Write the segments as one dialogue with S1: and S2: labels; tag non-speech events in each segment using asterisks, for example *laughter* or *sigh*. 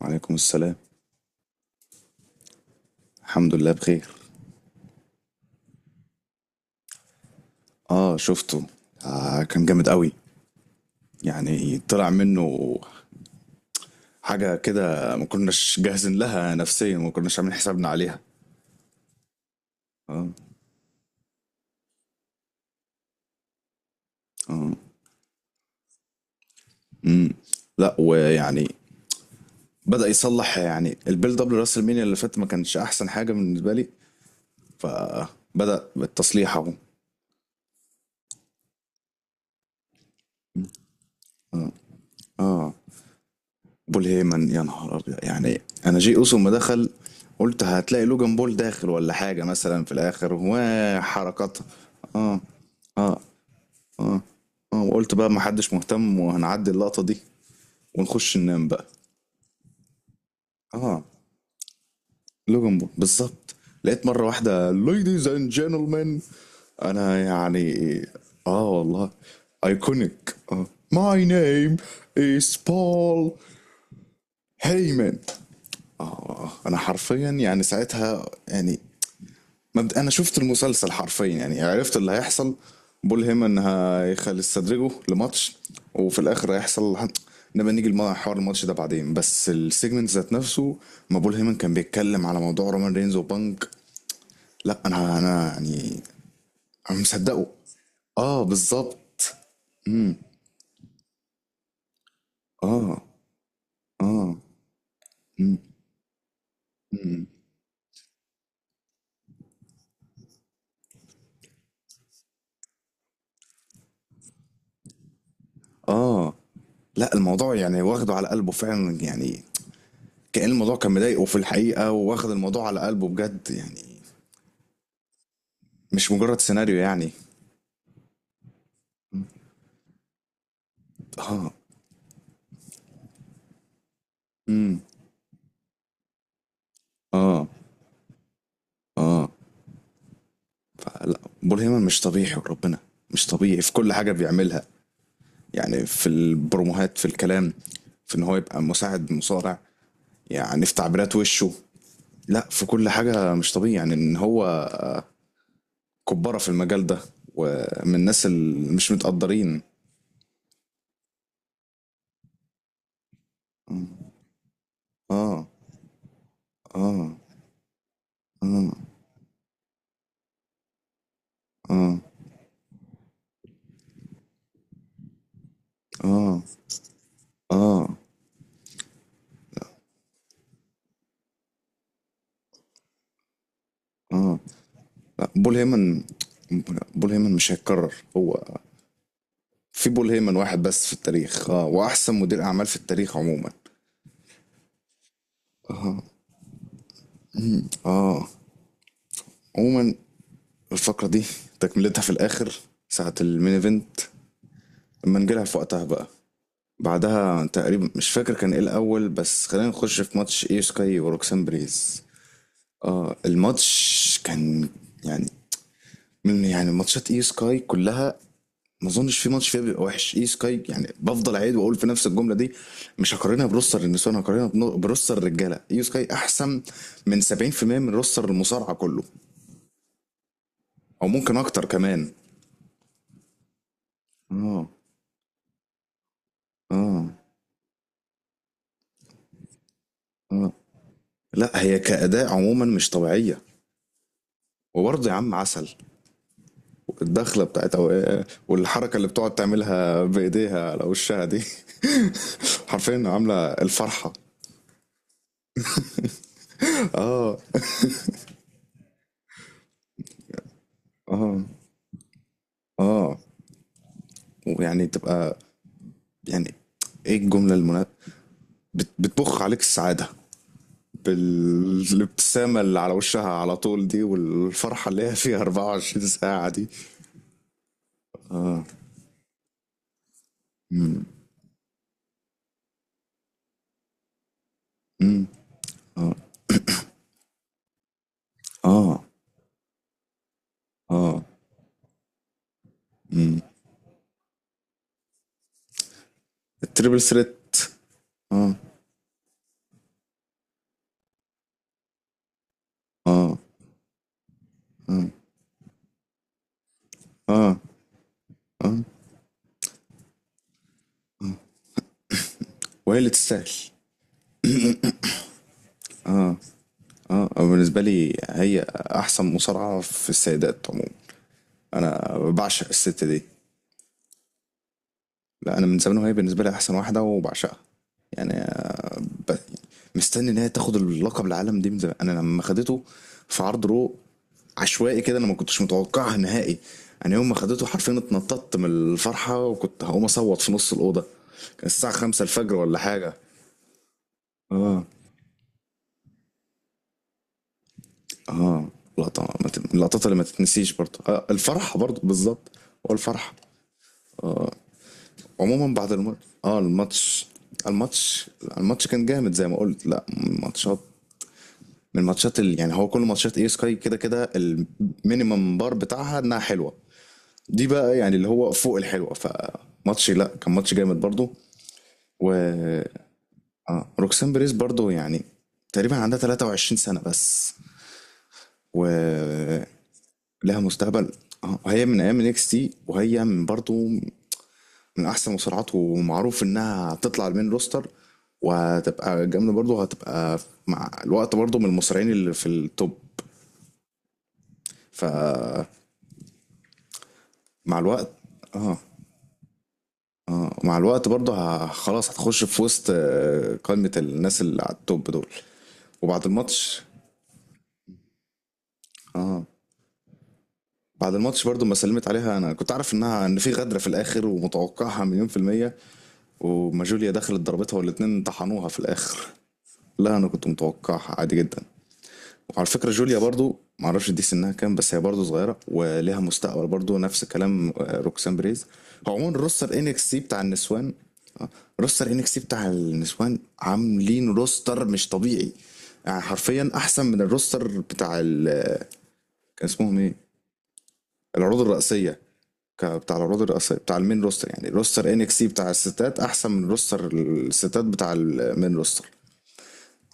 S1: وعليكم السلام. الحمد لله بخير. اه، شفته. آه، كان جامد قوي. يعني طلع منه حاجة كده ما كناش جاهزين لها نفسيا، ما كناش عاملين حسابنا عليها. اه. اه. امم لا، ويعني بدأ يصلح، يعني البيلد اب لراس المينيا اللي فات ما كانش احسن حاجة بالنسبة لي، فبدأ بالتصليح اهو. اه، بول هيمن يا نهار ابيض، يعني انا جي اوسو ما دخل، قلت هتلاقي لوجان بول داخل ولا حاجة مثلا في الاخر وحركات. اه. اه، وقلت بقى محدش مهتم وهنعدي اللقطة دي ونخش ننام بقى. اه، لوجن بول بالظبط. لقيت مرة واحدة ladies and gentlemen. انا يعني، اه والله، ايكونيك اه. my name is Paul Heyman. اه، انا حرفيا يعني ساعتها يعني انا شفت المسلسل حرفيا، يعني عرفت اللي هيحصل. بول هيمن هيخل يستدرجه لماتش وفي الاخر هيحصل. نبقى نيجي لموضوع حوار الماتش ده بعدين، بس السيجمنت ذات نفسه، ما بول هيمن كان بيتكلم على موضوع رومان رينز وبانك. لا، انا يعني انا مصدقه. اه بالظبط. اه. اه. مم. مم. اه، لا الموضوع يعني واخده على قلبه فعلا، يعني كأن الموضوع كان مضايقه في الحقيقة، واخد الموضوع على قلبه بجد يعني. مش مجرد سيناريو يعني. اه. امم اه. اه. فلا، بول هيمن مش طبيعي وربنا، مش طبيعي في كل حاجة بيعملها. يعني في البروموهات، في الكلام، في ان هو يبقى مساعد مصارع، يعني في تعبيرات وشه. لا في كل حاجة مش طبيعي، يعني ان هو كبارة في المجال ده ومن الناس اللي مش متقدرين. اه. اه. اه. اه. اه. اه. اه لا، بول هيمن، بول هيمن مش هيتكرر هو. في بول هيمن واحد بس في التاريخ، اه واحسن مدير اعمال في التاريخ عموما. اه. اه. عموما الفقره دي تكملتها في الاخر ساعه المين ايفنت، لما نجيلها في وقتها بقى. بعدها تقريبا مش فاكر كان ايه الاول، بس خلينا نخش في ماتش ايو سكاي وروكسان بريز. اه الماتش كان يعني من يعني ماتشات ايو سكاي كلها، ما اظنش في ماتش فيها بيبقى وحش اي سكاي. يعني بفضل اعيد واقول في نفس الجمله دي، مش هقارنها بروستر النسوان، هقارنها بروستر الرجاله. اي سكاي احسن من 70% من روستر المصارعه كله، او ممكن اكتر كمان. اه. اه. اه لا، هي كاداء عموما مش طبيعيه. وبرضه يا عم عسل، الدخله بتاعتها والحركه اللي بتقعد تعملها بايديها على وشها دي *laughs* حرفيا عامله الفرحه. اه. اه. اه ويعني تبقى، يعني ايه الجمله بتبخ عليك السعادة بالابتسامة اللي على وشها على طول دي، والفرحة اللي هي فيها 24 ساعة دي. مم. مم. اه. اه. مم. التريبل ثريت. اه. اه. اه وهي اللي تستاهل. اه، أو بالنسبة لي هي أحسن مصارعة في السيدات عموما. أنا بعشق الست دي. لا، أنا من زمان وهي بالنسبة لي أحسن واحدة وبعشقها. يعني ب- مستني ان هي تاخد اللقب العالم دي من زمان. انا لما خدته في عرض رو عشوائي كده، انا ما كنتش متوقعها نهائي. انا يوم ما خدته حرفيا اتنططت من الفرحه، وكنت هقوم اصوت في نص الاوضه. كان الساعه 5 الفجر ولا حاجه. اه. اه. لقطه ما تت- من اللقطات اللي ما تتنسيش برضه. آه الفرحه برضه بالظبط. هو الفرحه. عموما بعد الماتش، اه الماتش، الماتش، الماتش كان جامد زي ما قلت. لا ماتشات، من الماتشات اللي يعني، هو كل ماتشات اي سكاي كده كده المينيمم بار بتاعها انها حلوه، دي بقى يعني اللي هو فوق الحلوه. فماتش لا، كان ماتش جامد برضو. و اه، روكسان بريز برضو يعني تقريبا عندها 23 سنه بس، و لها مستقبل. اه هي من ايام اكس تي، وهي من برضو من احسن المصارعات، ومعروف انها هتطلع المين روستر، وهتبقى جامده برضو، هتبقى مع الوقت برضو من المصارعين اللي في التوب. ف مع الوقت. اه. اه، مع الوقت برضه خلاص هتخش في وسط آه، قائمة الناس اللي على التوب دول. وبعد الماتش، اه بعد الماتش برضه ما سلمت عليها. انا كنت عارف انها ان في غدرة في الاخر، ومتوقعها مليون في المية. وما جوليا دخلت ضربتها والاتنين طحنوها في الاخر. لا انا كنت متوقعها عادي جدا. وعلى فكرة جوليا برضو معرفش دي سنها كام، بس هي برضو صغيرة وليها مستقبل برضو، نفس كلام آه، روكسان بريز. هو عموما روستر انكس سي بتاع النسوان، آه، روستر انكس سي بتاع النسوان عاملين روستر مش طبيعي. يعني حرفيا احسن من الروستر بتاع ال آه، كان اسمهم ايه، العروض الرئيسية. بتاع العروض الرئيسية بتاع المين روستر. يعني روستر انكس سي بتاع الستات احسن من روستر الستات بتاع المين روستر.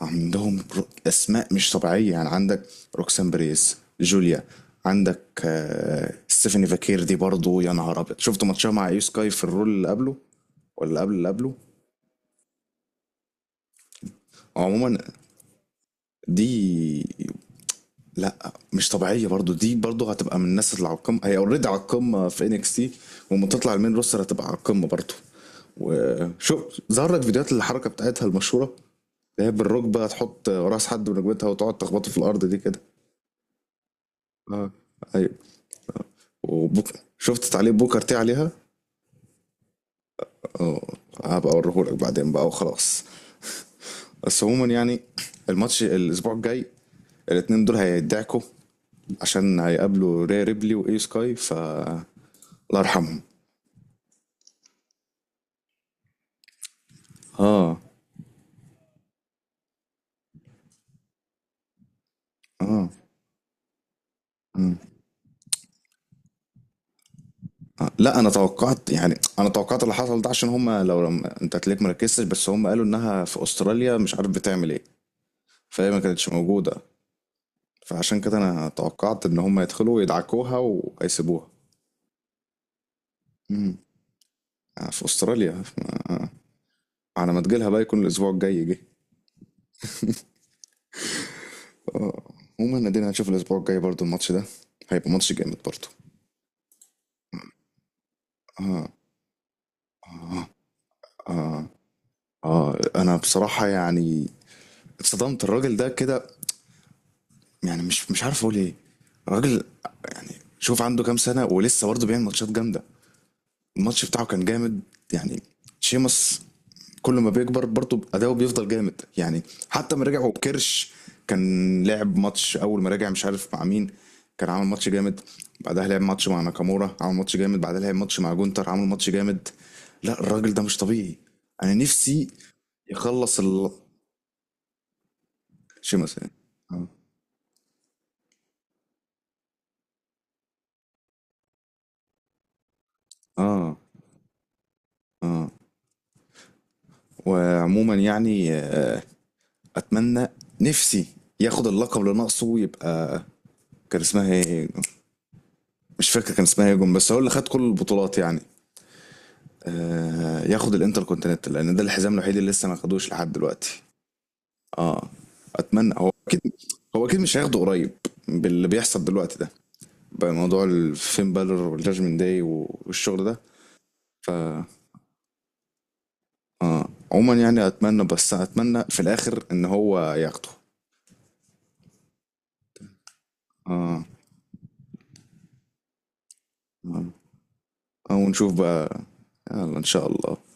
S1: عندهم اسماء مش طبيعيه. يعني عندك روكسان بريس، جوليا، عندك آه، ستيفاني فاكير، دي برضه يا نهار ابيض. شفت ماتشها مع ايو سكاي في الرول اللي قبله، ولا اللي قبل اللي قبله. عموما دي لا مش طبيعيه برضه، دي برضه هتبقى من الناس اللي على القمه، هي اوريدي على القمه في انكس تي، وما تطلع المين روستر هتبقى على القمه برضه. وشوف ظهر لك فيديوهات الحركه بتاعتها المشهوره، اللي هي بالركبه تحط راس حد بركبتها وتقعد تخبطه في الارض دي كده. اه ايوه. وبوك... شفت تعليق بوكر تي عليها. اه هبقى اوريهولك بعدين بقى وخلاص. بس عموما يعني الماتش الاسبوع الجاي، الاتنين دول هيدعكوا، عشان هيقابلوا ري ريبلي واي سكاي، ف الله يرحمهم. اه. اه. مم. آه. لا انا توقعت، يعني انا توقعت اللي حصل ده عشان هم لو لم... انت تلاقيك مركزتش، بس هم قالوا انها في استراليا مش عارف بتعمل ايه. فهي ما كانتش موجوده، فعشان كده انا توقعت ان هم يدخلوا يدعكوها وهيسيبوها. آه، في استراليا، آه، على ما تجيلها بقى يكون الاسبوع الجاي جه. آه، عموما ادينا هنشوف الاسبوع الجاي برضو الماتش ده هيبقى ماتش جامد برضو. اه انا بصراحة يعني اتصدمت. الراجل ده كده يعني، مش مش عارف اقول ايه. الراجل يعني، شوف عنده كام سنة ولسه برضه بيعمل ماتشات جامدة. الماتش بتاعه كان جامد. يعني شيمس كل ما بيكبر برضه اداؤه بيفضل جامد يعني. حتى ما رجعوا بكرش، كان لعب ماتش اول ما رجع مش عارف مع مين، كان عامل ماتش جامد. بعدها لعب ماتش مع ناكامورا عامل ماتش جامد، بعدها لعب ماتش مع جونتر عامل ماتش جامد. لا الراجل ده مش طبيعي. انا نفسي يخلص ال... شيمس يعني. اه. اه. اه، وعموما يعني آه، اتمنى، نفسي ياخد اللقب اللي ناقصه ويبقى، كان اسمها ايه، مش فاكر كان اسمها ايه جون، بس هو اللي خد كل البطولات يعني. آه ياخد الانتر كونتيننتال، لان ده الحزام الوحيد اللي لسه ما خدوش لحد دلوقتي. اه، اتمنى. هو اكيد، هو اكيد مش هياخده قريب باللي بيحصل دلوقتي ده، بموضوع الفين بالور والجاجمنت داي والشغل ده. اه. آه. عموما يعني اتمنى، بس اتمنى في الاخر ان هو ياخده. اه. اه. آه، ونشوف بقى. يلا ان شاء الله.